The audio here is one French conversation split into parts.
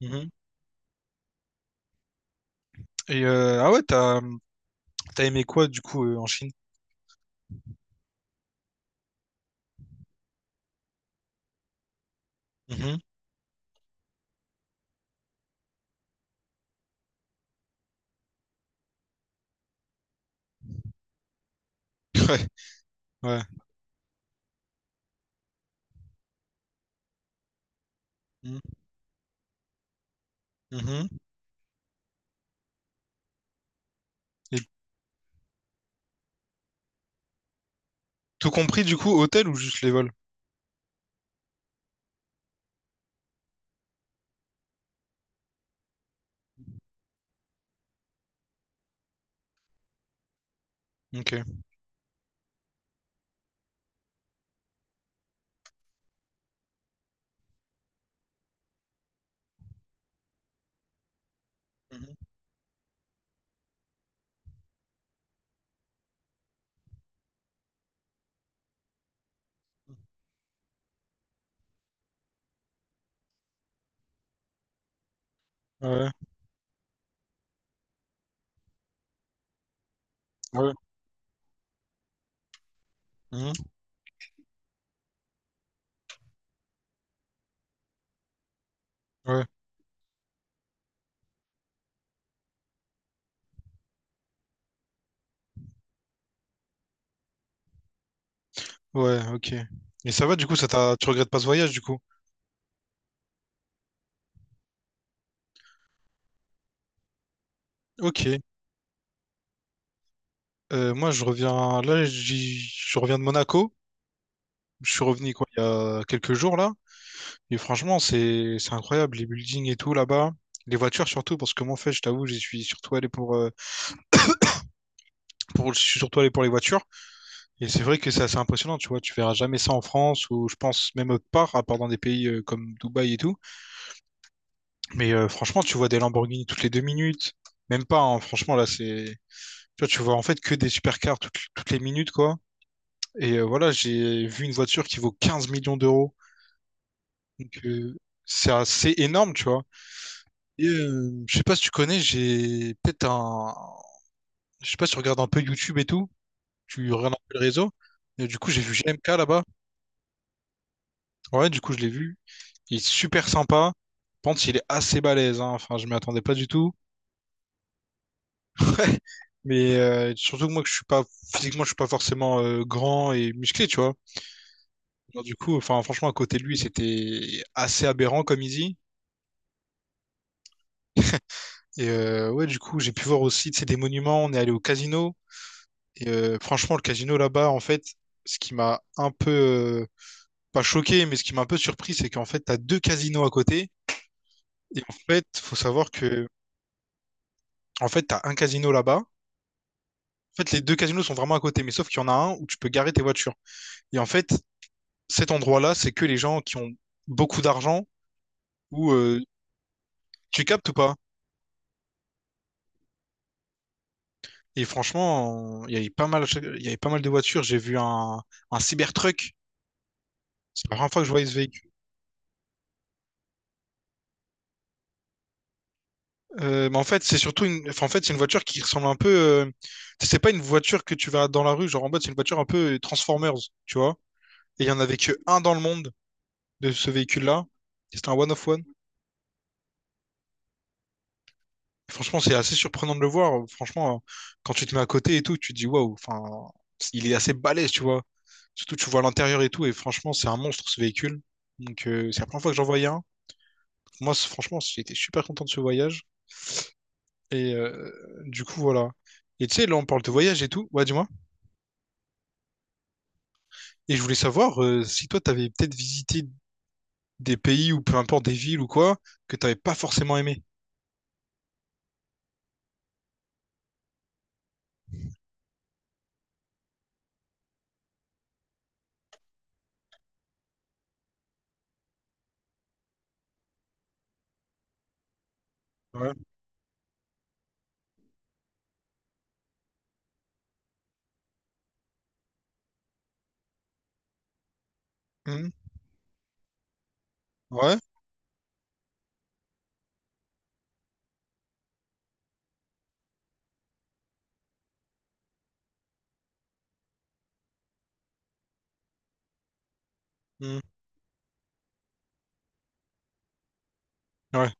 Mhm. Et ah ouais, t'as aimé quoi du coup en Chine? Mhm. Ouais, ouais. Mhm. Mhm. Et tout compris du coup, hôtel ou juste les vols? Ok. Mhm. Ouais, ouais, Mhm. Ouais, ouais, ok. Et ça va du coup, ça t'a, tu regrettes pas ce voyage du coup? Ok. Moi, je reviens là, je reviens de Monaco. Je suis revenu quoi, il y a quelques jours là. Et franchement, c'est incroyable les buildings et tout là-bas, les voitures surtout parce que moi, en fait, je t'avoue, j'y suis surtout allé pour pour je suis surtout allé pour les voitures. Et c'est vrai que c'est assez impressionnant, tu vois, tu verras jamais ça en France ou je pense même autre part, à part dans des pays comme Dubaï et tout. Mais franchement, tu vois des Lamborghini toutes les deux minutes, même pas, hein, franchement, là, c'est. Tu vois, en fait que des supercars toutes les minutes, quoi. Et voilà, j'ai vu une voiture qui vaut 15 millions d'euros. Donc, c'est assez énorme, tu vois. Et je sais pas si tu connais, j'ai peut-être un. Je sais pas si tu regardes un peu YouTube et tout, tu regardes un peu le réseau. Et du coup, j'ai vu GMK là-bas. Ouais, du coup, je l'ai vu. Il est super sympa. Je pense qu'il est assez balèze, hein. Enfin, je m'y attendais pas du tout. Mais surtout que moi, que je suis pas physiquement, je suis pas forcément grand et musclé, tu vois. Alors, du coup, enfin, franchement, à côté de lui, c'était assez aberrant comme il dit. Et ouais, du coup, j'ai pu voir aussi, tu sais, des monuments. On est allé au casino. Et franchement, le casino là-bas, en fait, ce qui m'a un peu pas choqué, mais ce qui m'a un peu surpris, c'est qu'en fait, t'as deux casinos à côté. Et en fait, faut savoir que, en fait, t'as un casino là-bas. En fait, les deux casinos sont vraiment à côté, mais sauf qu'il y en a un où tu peux garer tes voitures. Et en fait, cet endroit-là, c'est que les gens qui ont beaucoup d'argent ou tu captes ou pas? Et franchement, il y avait pas mal, il y avait pas mal de voitures. J'ai vu un Cybertruck. C'est la première fois que je voyais ce véhicule. Mais en fait, c'est surtout une, enfin, en fait, c'est une voiture qui ressemble un peu. C'est pas une voiture que tu vas dans la rue, genre en mode, c'est une voiture un peu Transformers, tu vois. Et il y en avait que un dans le monde de ce véhicule-là. C'était un one of one. Franchement, c'est assez surprenant de le voir. Franchement, quand tu te mets à côté et tout, tu te dis waouh, enfin, il est assez balèze, tu vois. Surtout, tu vois l'intérieur et tout, et franchement, c'est un monstre ce véhicule. Donc, c'est la première fois que j'en voyais un. Moi, franchement, j'étais super content de ce voyage. Et du coup, voilà. Et tu sais, là, on parle de voyage et tout. Ouais, dis-moi. Et je voulais savoir si toi, t'avais peut-être visité des pays ou peu importe des villes ou quoi, que t'avais pas forcément aimé. Ouais. Mhm. Ouais. Mhm. Ouais.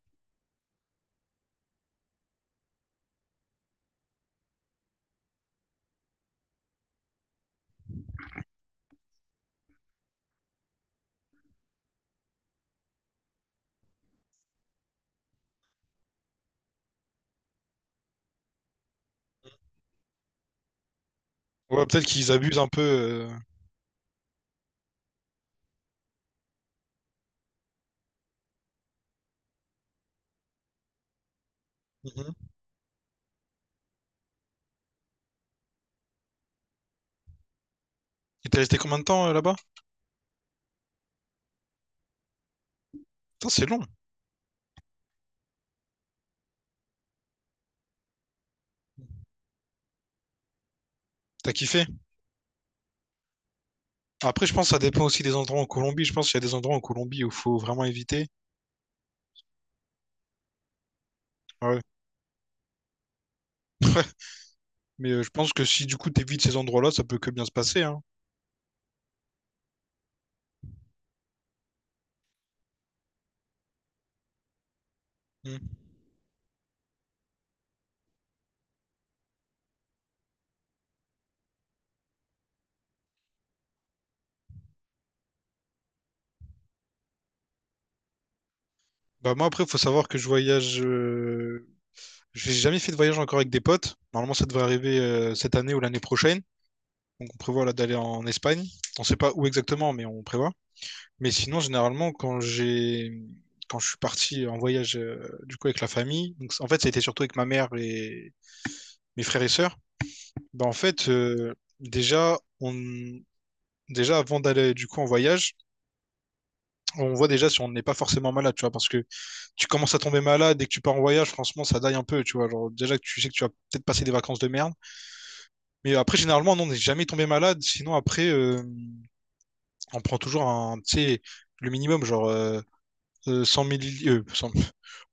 Ouais, peut-être qu'ils abusent un peu. Mmh. Il t'est resté combien de temps là-bas? Putain, c'est long. T'as kiffé? Après, je pense que ça dépend aussi des endroits en Colombie. Je pense qu'il y a des endroits en Colombie où il faut vraiment éviter. Ah ouais. Mais je pense que si du coup t'évites ces endroits-là, ça peut que bien se passer, hein. Mm. Bah moi après, faut savoir que je voyage. J'ai jamais fait de voyage encore avec des potes. Normalement, ça devrait arriver cette année ou l'année prochaine. Donc on prévoit là d'aller en Espagne. On sait pas où exactement, mais on prévoit. Mais sinon, généralement, quand je suis parti en voyage du coup avec la famille, donc en fait, ça a été surtout avec ma mère et, mes frères et sœurs, bah en fait, déjà, déjà avant d'aller du coup en voyage, on voit déjà si on n'est pas forcément malade, tu vois, parce que tu commences à tomber malade dès que tu pars en voyage, franchement, ça daille un peu, tu vois. Genre, déjà que tu sais que tu vas peut-être passer des vacances de merde. Mais après, généralement, non, on n'est jamais tombé malade, sinon après, on prend toujours un, tu sais, le minimum, genre 100 100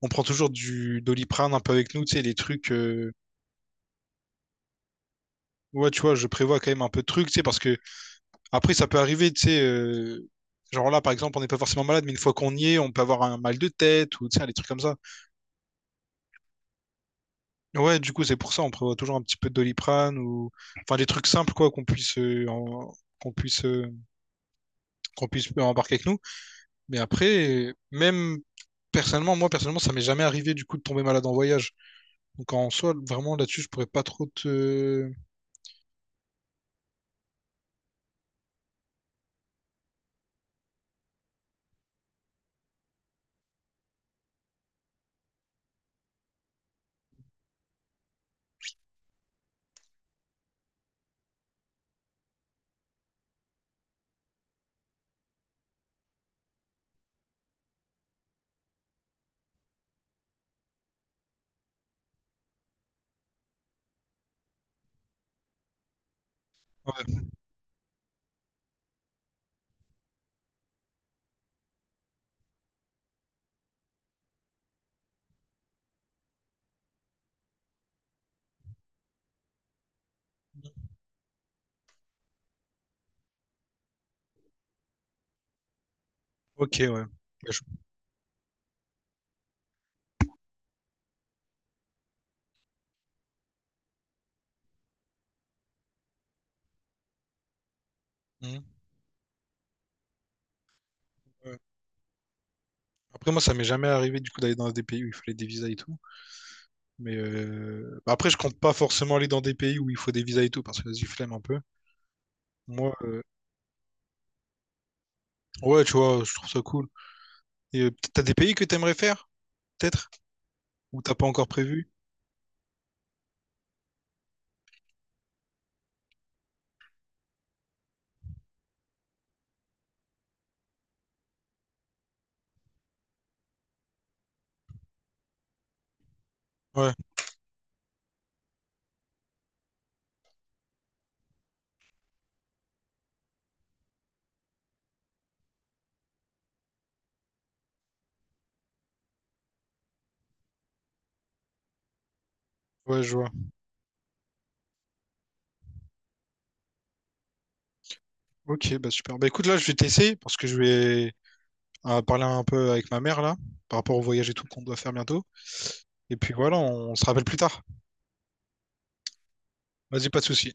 on prend toujours du Doliprane un peu avec nous, tu sais, les trucs. Ouais, tu vois, je prévois quand même un peu de trucs, tu sais, parce que après, ça peut arriver, tu sais, genre là, par exemple, on n'est pas forcément malade, mais une fois qu'on y est, on peut avoir un mal de tête ou, tu sais, des trucs comme ça. Ouais, du coup, c'est pour ça, on prévoit toujours un petit peu de Doliprane ou, enfin, des trucs simples, quoi, qu'on puisse, euh, qu'on puisse embarquer avec nous. Mais après, même personnellement, moi, personnellement, ça m'est jamais arrivé, du coup, de tomber malade en voyage. Donc, en soi, vraiment, là-dessus, je pourrais pas trop te. Ouais. Ok, ouais. Ouais, je- Mhm, ouais. Après, moi, ça m'est jamais arrivé, du coup, d'aller dans des pays où il fallait des visas et tout. Mais bah après, je compte pas forcément aller dans des pays où il faut des visas et tout, parce que j'ai y flemme un peu. Moi, ouais, tu vois, je trouve ça cool. Et peut-être t'as des pays que t'aimerais faire, peut-être? Ou t'as pas encore prévu? Ouais, ouais, je vois. Ok, bah super. Bah écoute, là, je vais t'essayer, parce que je vais parler un peu avec ma mère, là, par rapport au voyage et tout qu'on doit faire bientôt. Et puis voilà, on se rappelle plus tard. Vas-y, pas de souci.